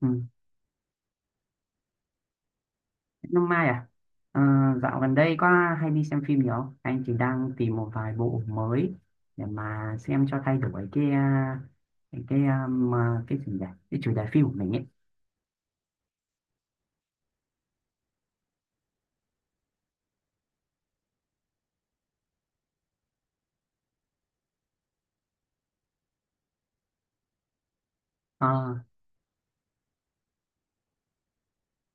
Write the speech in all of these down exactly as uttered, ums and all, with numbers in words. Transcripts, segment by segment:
Ừ. Năm mai à? Ờ, dạo gần đây có hay đi xem phim nhiều không? Anh chỉ đang tìm một vài bộ mới để mà xem cho thay đổi cái à, cái cái um, à, cái chủ đề cái chủ đề phim của mình ấy. Ờ,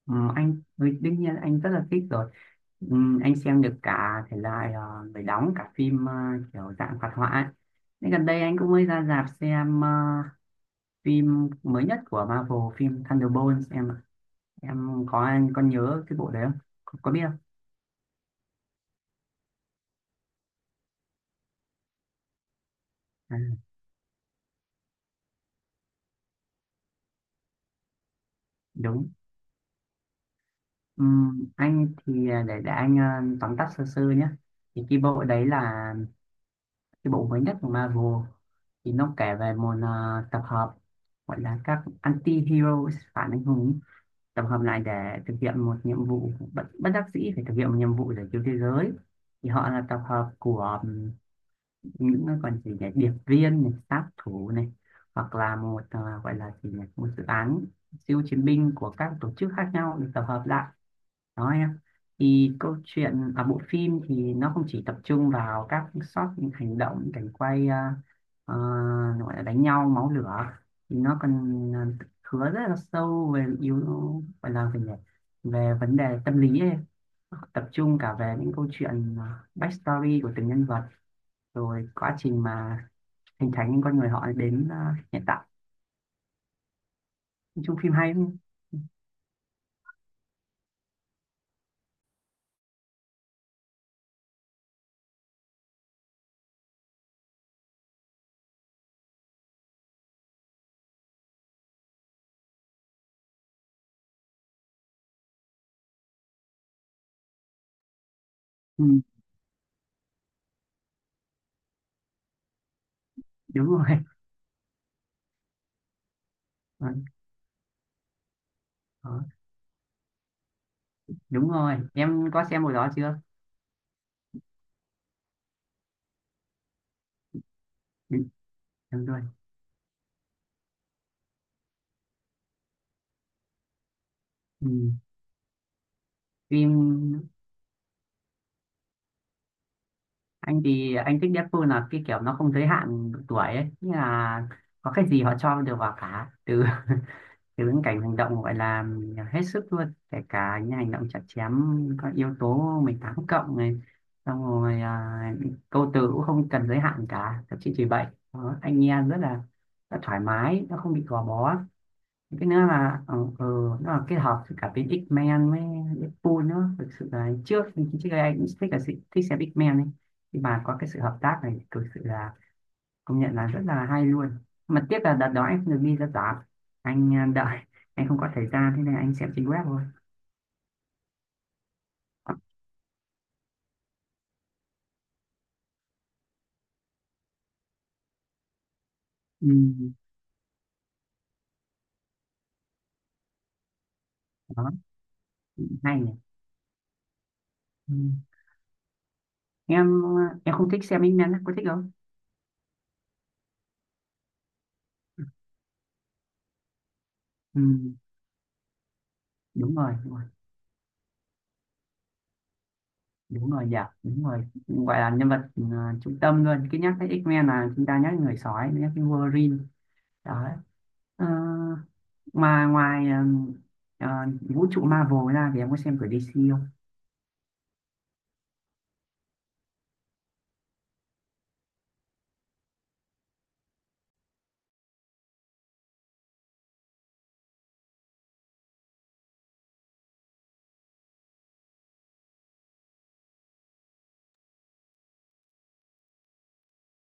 ừ, anh với- Đương nhiên anh rất là thích rồi. Ừm, anh xem được cả thể loại ờ, người đóng cả phim ờ, kiểu dạng hoạt họa ấy. Nên gần đây anh cũng mới ra rạp xem ờ, phim mới nhất của Marvel, phim Thunderbolts em ạ. Em có Anh có nhớ cái bộ đấy không? Có, có biết không? À. đúng Ừm, anh thì à, để để anh à, tóm tắt sơ sơ nhé, thì cái bộ đấy là cái bộ mới nhất của Marvel. Thì nó kể về một à, tập hợp gọi là các anti-hero, phản anh hùng, tập hợp lại để thực hiện một nhiệm vụ bất, bất đắc dĩ, phải thực hiện một nhiệm vụ để cứu thế giới. Thì họ là tập hợp của ừm, những cái còn gì nhỉ, điệp viên này, sát thủ này, hoặc là một à, gọi là gì nhỉ, một dự án siêu chiến binh của các tổ chức khác nhau được tập hợp lại đó em. Thì câu chuyện ở bộ phim thì nó không chỉ tập trung vào các shot hành động, cảnh quay ờ, ờ, gọi là đánh nhau máu lửa, thì nó còn ờ, hứa rất là sâu về yếu gọi là về về vấn đề tâm lý ấy. Tập trung cả về những câu chuyện ờ, backstory của từng nhân vật, rồi quá trình mà hình thành những con người họ đến ờ, hiện tại. Nói chung phim hay lắm. Ừ, đúng rồi. Ừ, đó. Đúng rồi, em có xem hồi đó chưa? Ừ, đúng rồi. Ừ. Phim, anh thì anh thích nhất Deadpool là cái kiểu nó không giới hạn độ tuổi ấy, nghĩa là có cái gì họ cho đều vào cả, từ từ những cảnh hành động gọi là hết sức luôn, kể cả những hành động chặt chém, có yếu tố mười tám cộng này, xong rồi à, câu từ cũng không cần giới hạn cả, thậm chí chỉ vậy. Đó, anh nghe rất là, rất thoải mái, nó không bị gò bó. Cái nữa là ờ, ờ, nó là kết hợp với cả bên X-Men với Deadpool nữa. Thực sự là trước trước đây anh cũng thích là sự- thích xem X-Men ấy, nhưng mà có cái sự hợp tác này thực sự là công nhận là rất là hay luôn. Mà tiếc là đợt đó anh không được đi ra rạp, anh ờ, đợi, anh không có thời gian, thế nên anh xem trên web thôi. Ừ, đó. Hay nhỉ. Ừ. Em ờ, em không thích xem X-Men á, có thích không? Ừ, đúng rồi, đúng rồi. Đúng rồi, dạ đúng rồi, gọi là nhân vật ờ, trung tâm luôn. Cứ nhắc tới X-Men là chúng ta nhắc đến người sói, nhắc đến Wolverine. Đó. Ờ, mà ngoài ờ, ờ, vũ trụ Marvel ra thì em có xem của đê xê không?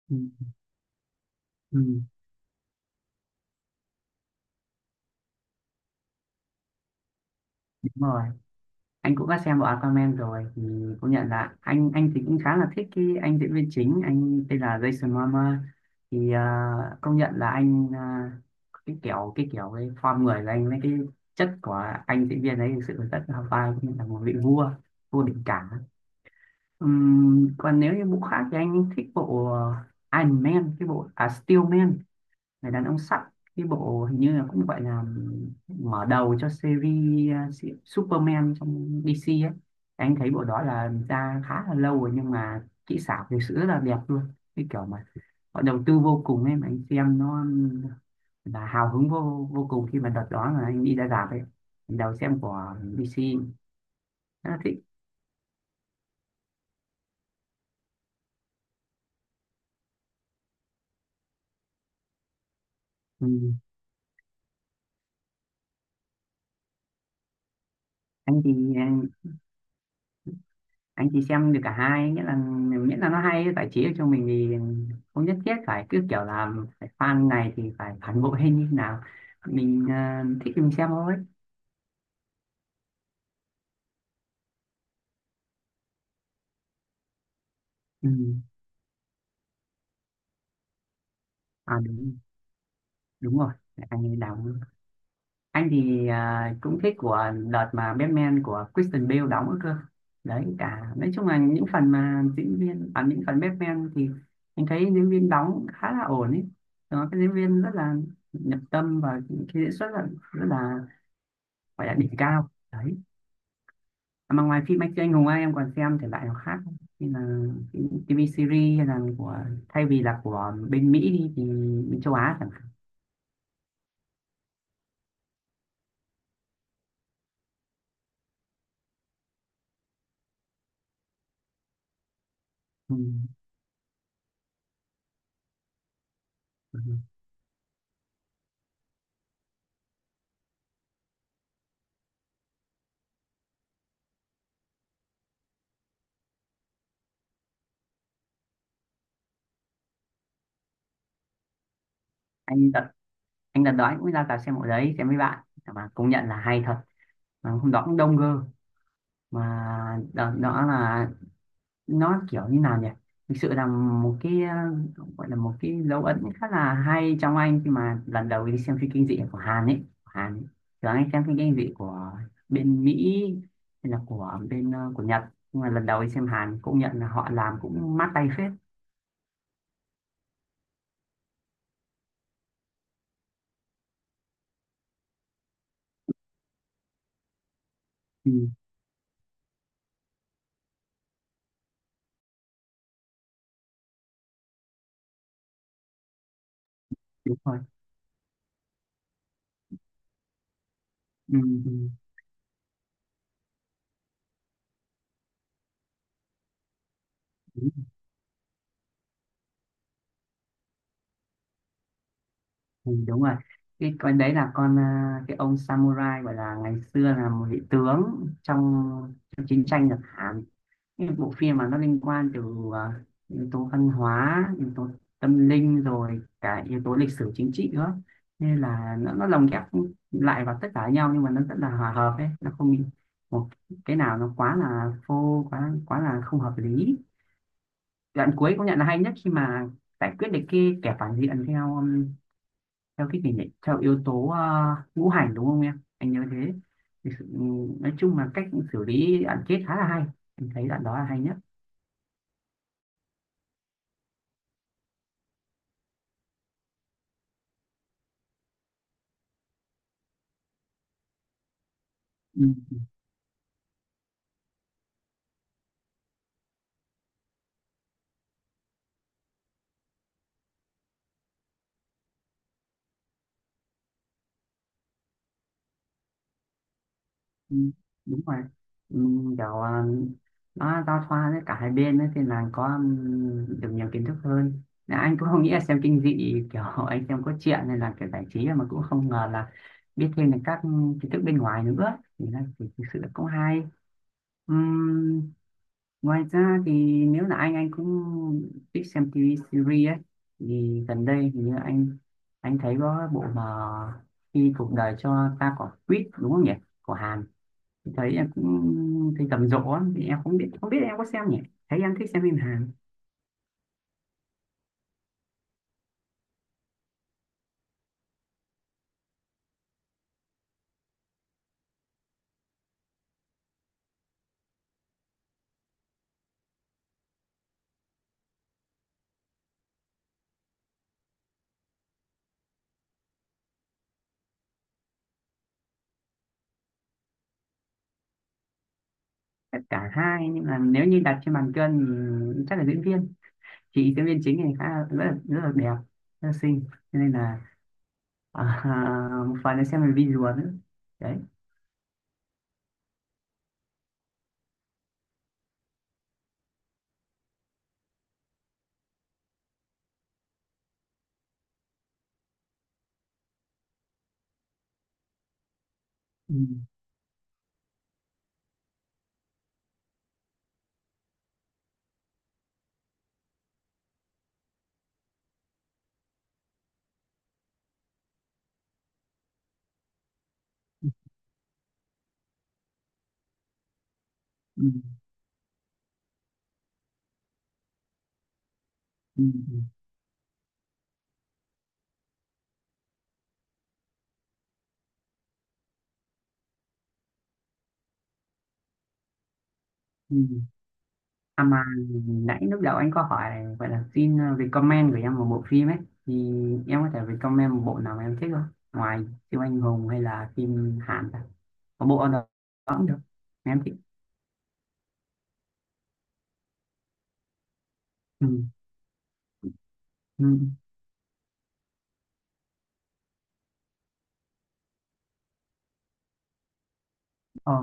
Ừ, ừ, đúng rồi, anh cũng đã xem bộ Aquaman rồi. Thì cũng nhận là anh anh thì cũng khá là thích cái anh diễn viên chính, anh tên là Jason Momoa. Thì à, công nhận là anh, à, cái kiểu cái kiểu cái form người của anh với cái chất của anh diễn viên ấy thực sự là rất là vai, cũng như là một vị vua, vua địch cả. Ừm, còn nếu như bộ khác thì anh thích bộ Iron Man, cái bộ à, Steel Man, người đàn ông sắt, cái bộ hình như là cũng gọi là mở đầu cho series à, si- Superman trong đê xê ấy. Anh thấy bộ đó là ra khá là lâu rồi, nhưng mà kỹ xảo thực sự rất là đẹp luôn, cái kiểu mà họ đầu tư vô cùng ấy. Mà anh xem nó là hào hứng vô vô cùng khi mà đợt đó là anh đi ra rạp ấy, đầu xem của đê xê, rất là thích. Ừ. anh thì anh anh thì xem được cả hai, nghĩa là miễn là nó hay, giải trí được cho mình thì không nhất thiết phải cứ kiểu là phải fan này thì phải phản bội hay như thế nào. Mình ờ, thích thì mình xem thôi. Ừ. à đúng Đúng rồi, anh ấy đóng. Anh thì à, cũng thích của đợt mà Batman của Christian Bale đóng nữa cơ. Đấy cả, nói chung là những phần mà diễn viên, à, những phần Batman thì anh thấy diễn viên đóng khá là ổn ấy. Đó, cái diễn viên rất là nhập tâm và cái diễn xuất là rất là, gọi là đỉnh cao đấy. Mà ngoài phim anh siêu anh hùng ấy, em còn xem thể loại nào khác không? Như là phim ti vi series, hay là của, thay vì là của bên Mỹ đi thì bên châu Á chẳng hạn. Ừ. Ừ. anh đặt anh đặt đó, anh cũng ra cả xem bộ đấy xem với bạn, mà công nhận là hay thật. Mà hôm đó cũng đông cơ. Mà đợt đó là nó kiểu như nào nhỉ, thực sự là một cái ờ, gọi là một cái dấu ấn khá là hay trong anh khi mà lần đầu đi xem phim kinh dị của Hàn ấy, của Hàn ấy. Thường anh xem phim kinh dị của bên Mỹ, hay là của bên ờ, của Nhật, nhưng mà lần đầu đi xem Hàn cũng nhận là họ làm cũng mát tay phết. Ừ, đúng rồi. Ừ, ừ, đúng, ừ, đúng rồi. Cái con đấy là con ờ, cái ông samurai, gọi là ngày xưa là một vị tướng trong, trong chiến tranh Nhật Hàn. Những bộ phim mà nó liên quan từ à, yếu tố văn hóa, yếu tố tâm linh, rồi cả yếu tố lịch sử chính trị nữa, nên là nó, nó lồng ghép lại vào tất cả nhau, nhưng mà nó rất là hòa hợp ấy, nó không bị một cái nào nó quá là phô, quá quá là không hợp lý. Đoạn cuối cũng nhận là hay nhất khi mà giải quyết được cái kẻ phản diện theo um, theo cái gì nhỉ, theo yếu tố à, ngũ hành, đúng không em, anh nhớ thế. Thì sự- ừ, nói chung là cách xử lý đoạn kết khá là hay, anh thấy đoạn đó là hay nhất. Ừ, đúng rồi. Ừ, kiểu ờ, nó giao thoa với cả hai bên ấy, thì là có ừm, được nhiều kiến thức hơn. Là anh cũng không nghĩ là xem kinh dị kiểu anh xem có chuyện, nên là kiểu giải trí mà cũng không ngờ là biết thêm được các kiến thức bên ngoài nữa, thì là thì thực sự là cũng hay. Ừm, ngoài ra thì nếu là anh anh cũng thích xem ti vi series ấy. Thì gần đây thì như anh anh thấy có bộ mà Khi Cuộc Đời Cho Ta Quả Quýt, đúng không nhỉ, của Hàn. Thấy em cũng thấy rầm rộ, thì em không biết, không biết em có xem nhỉ? Thấy em thích xem phim Hàn. Tất cả hai, nhưng mà nếu như đặt trên bàn cân thì chắc là diễn viên. Chị diễn viên chính này khá là, rất là, rất là đẹp, rất là xinh. Cho nên là à, à, một phần là xem về visual nữa đấy. Ừ, ừ, ừ, ừ. Ừ. À mà nãy lúc đầu anh có hỏi vậy là xin ờ, recommend của em một bộ phim ấy, thì em có thể recommend một bộ nào mà em thích không, ngoài siêu anh hùng hay là phim Hàn ta? Có bộ ở đó cũng được em thích. Ừ. Ừ. Ờ.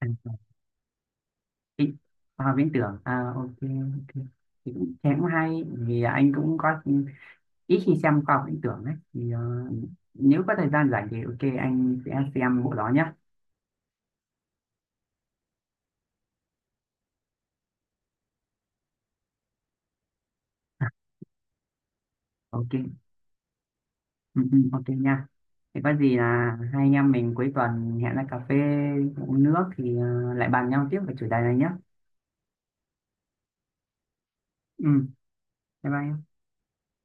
À, Vĩnh à, Viễn tưởng à, ok ok, thì cũng thế, cũng hay, vì anh cũng có ít khi xem khoa học viễn tưởng ấy. Thì ờ, nếu có thời gian rảnh thì ok anh sẽ xem bộ đó nhé. Ok. Ừ, ừ, ok nha, thì có gì là hai anh em mình cuối tuần hẹn ra cà phê uống nước, thì ờ, lại bàn nhau tiếp về chủ đề này nhé. Ừ, bye bye em.